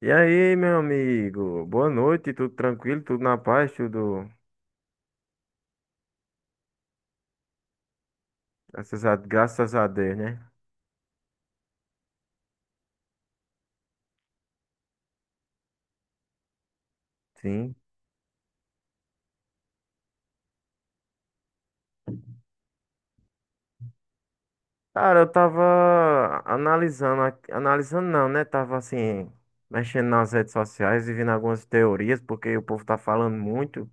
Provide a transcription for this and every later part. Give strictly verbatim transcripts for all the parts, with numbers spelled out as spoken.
E aí, meu amigo? Boa noite, tudo tranquilo, tudo na paz, tudo. Graças a, graças a Deus, né? Sim. Cara, eu tava analisando, aqui- analisando não, né? Tava assim, mexendo nas redes sociais e vendo algumas teorias, porque o povo tá falando muito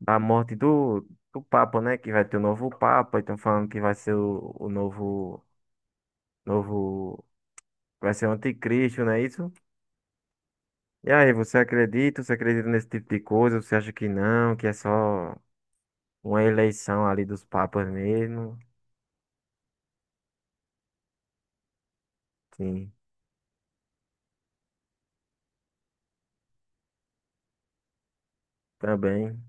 da morte do, do Papa, né? Que vai ter o novo Papa, e estão falando que vai ser o, o novo, novo. Vai ser o anticristo, não é isso? E aí, você acredita? Você acredita nesse tipo de coisa? Você acha que não, que é só uma eleição ali dos papas mesmo. Sim, também.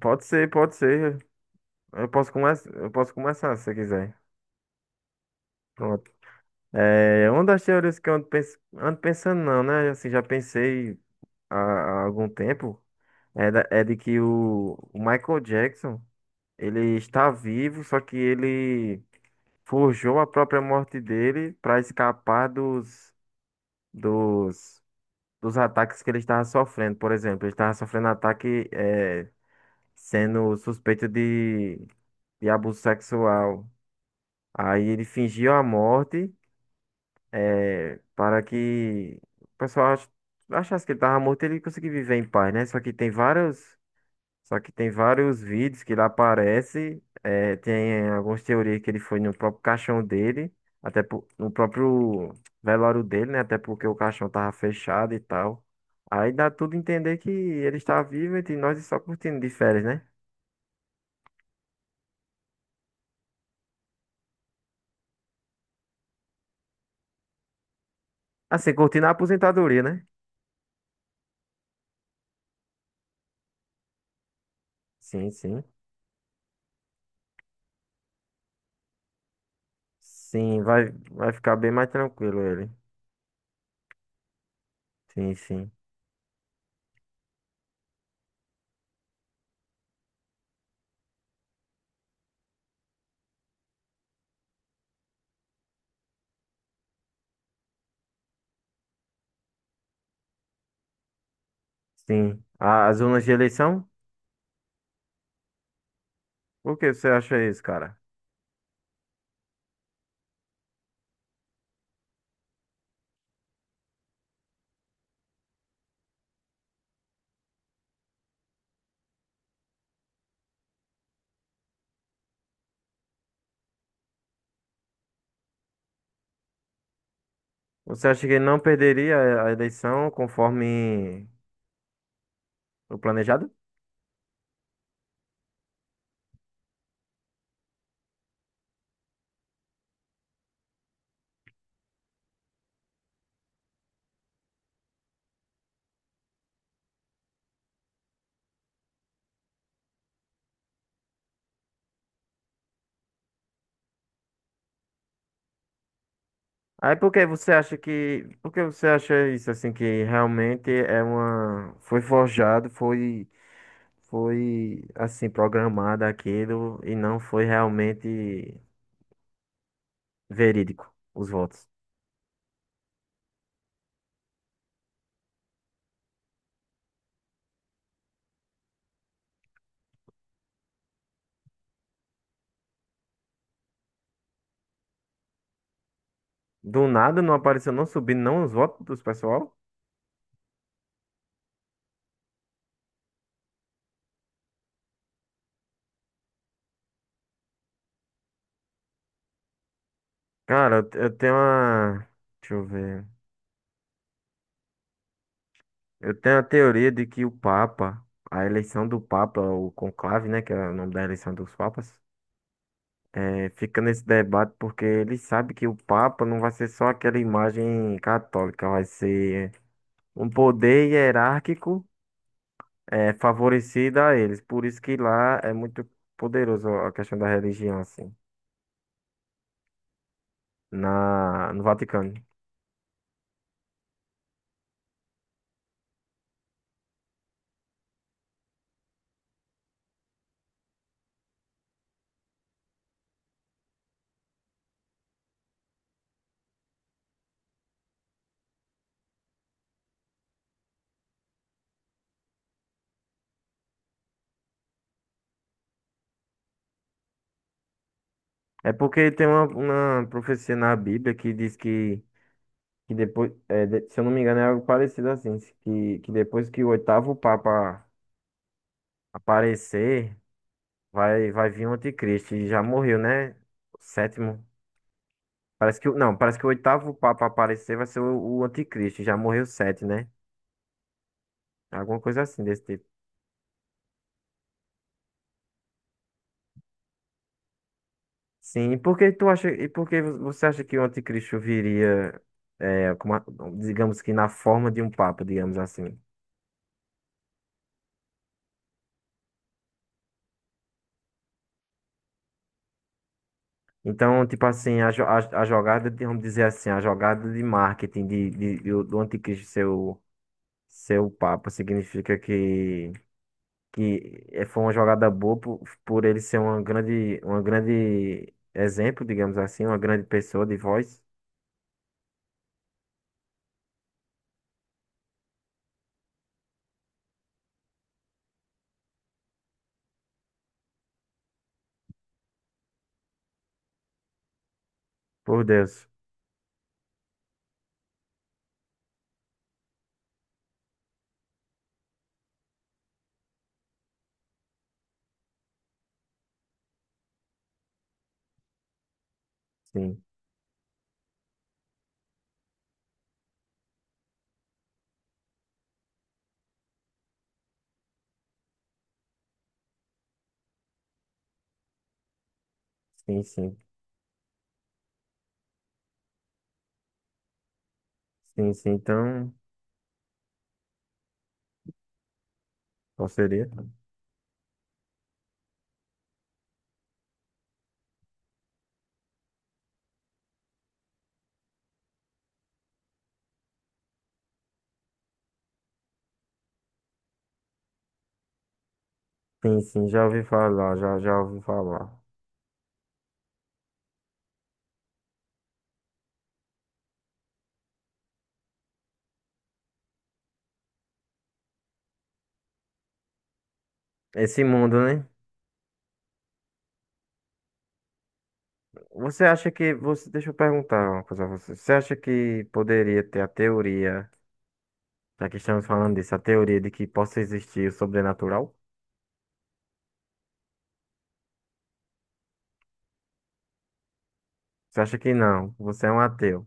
Pode ser, pode ser. Eu posso começar, eu posso começar se você quiser. Pronto. É, uma das teorias que eu ando, pens- ando pensando, não, né? Assim, já pensei há, há algum tempo, é, da- é de que o, o Michael Jackson, ele está vivo, só que ele forjou a própria morte dele para escapar dos, dos, dos ataques que ele estava sofrendo. Por exemplo, ele estava sofrendo ataque é, sendo suspeito de, de abuso sexual. Aí ele fingiu a morte, eh, para que o pessoal ach- achasse que ele estava morto e ele conseguia viver em paz, né? Só que tem vários, só que tem vários vídeos que ele aparece, eh, tem algumas teorias que ele foi no próprio caixão dele, até po- no próprio velório dele, né? Até porque o caixão tava fechado e tal. Aí dá tudo a entender que ele está vivo entre nós e só curtindo de férias, né? Assim, curtindo a aposentadoria, né? Sim, sim. Sim, vai, vai ficar bem mais tranquilo ele. Sim, sim. Sim. A- As urnas de eleição? Por que você acha isso, cara? Você acha que ele não perderia a eleição conforme o planejado? Aí por que você acha que, por que você acha isso, assim, que realmente é uma, foi forjado, foi, foi, assim, programado aquilo e não foi realmente verídico os votos. Do nada não apareceu, não subindo não os votos dos pessoal. Cara, eu eu tenho uma. Deixa eu ver. Eu tenho a teoria de que o Papa, a eleição do Papa, o conclave, né, que é o nome da eleição dos papas, eh, fica nesse debate porque ele sabe que o Papa não vai ser só aquela imagem católica, vai ser um poder hierárquico, eh, favorecido a eles. Por isso que lá é muito poderoso a questão da religião, assim, na, no Vaticano. É porque tem uma, uma profecia na Bíblia que diz que Que depois, é, de- se eu não me engano, é algo parecido assim, se- Que, que depois que o oitavo Papa aparecer, vai, vai vir o anticristo. E já morreu, né? O sétimo. Parece que, o- não, parece que o oitavo Papa aparecer vai ser o, o anticristo. Já morreu sete, né? Alguma coisa assim desse tipo. Sim, e por que tu acha, e por que vo- você acha que o anticristo viria, é, como a- digamos que na forma de um papa, digamos assim? Então, tipo assim, a, jo- a, a jogada, de- vamos dizer assim, a jogada de marketing de, de- do do anticristo ser o, ser o Papa significa que, que é- foi uma jogada boa por, por ele ser uma grande, uma grande exemplo, digamos assim, uma grande pessoa de voz. Por Deus. Sim, sim, sim. Sim, sim. Então, qual seria? Sim, sim, já ouvi falar, já, já ouvi falar. Esse mundo, né? Você acha que você, deixa eu perguntar uma coisa a você. Você acha que poderia ter a teoria, já que estamos falando disso, a teoria de que possa existir o sobrenatural? Você acha que não? Você é um ateu.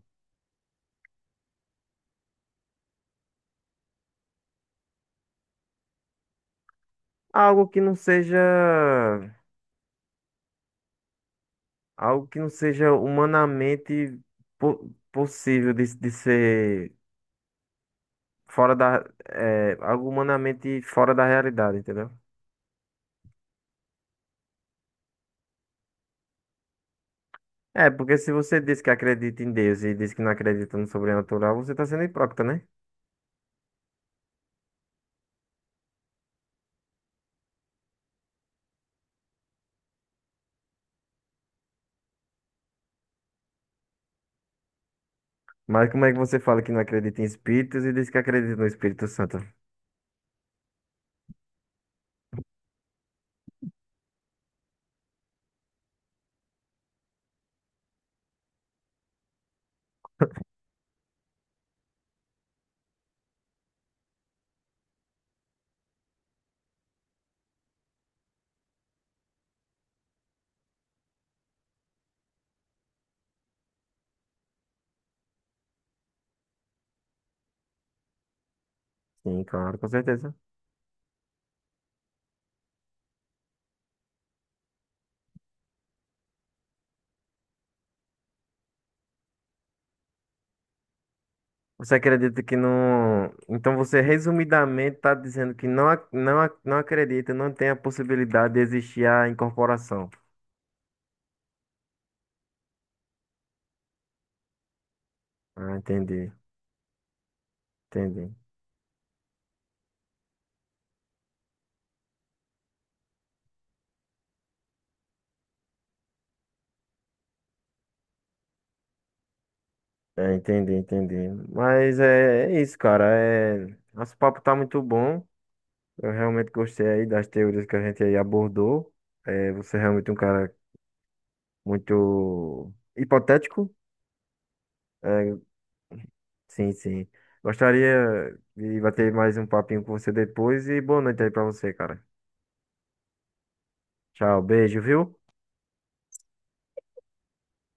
Algo que não seja, algo que não seja humanamente po- possível de, de ser fora da, é, algo humanamente fora da realidade, entendeu? É, porque se você diz que acredita em Deus e diz que não acredita no sobrenatural, você está sendo hipócrita, né? Mas como é que você fala que não acredita em espíritos e diz que acredita no Espírito Santo? Sim, claro, com certeza. Você acredita que não. Então você resumidamente está dizendo que não, ac- não, ac- não acredita, não tem a possibilidade de existir a incorporação. Ah, entendi, entendi. É, entendi, entendi. Mas é, é isso, cara. É... Nosso papo tá muito bom. Eu realmente gostei aí das teorias que a gente aí abordou. É, você é realmente um cara muito hipotético. É, sim, sim. Gostaria de bater mais um papinho com você depois e boa noite aí pra você, cara. Tchau, beijo, viu?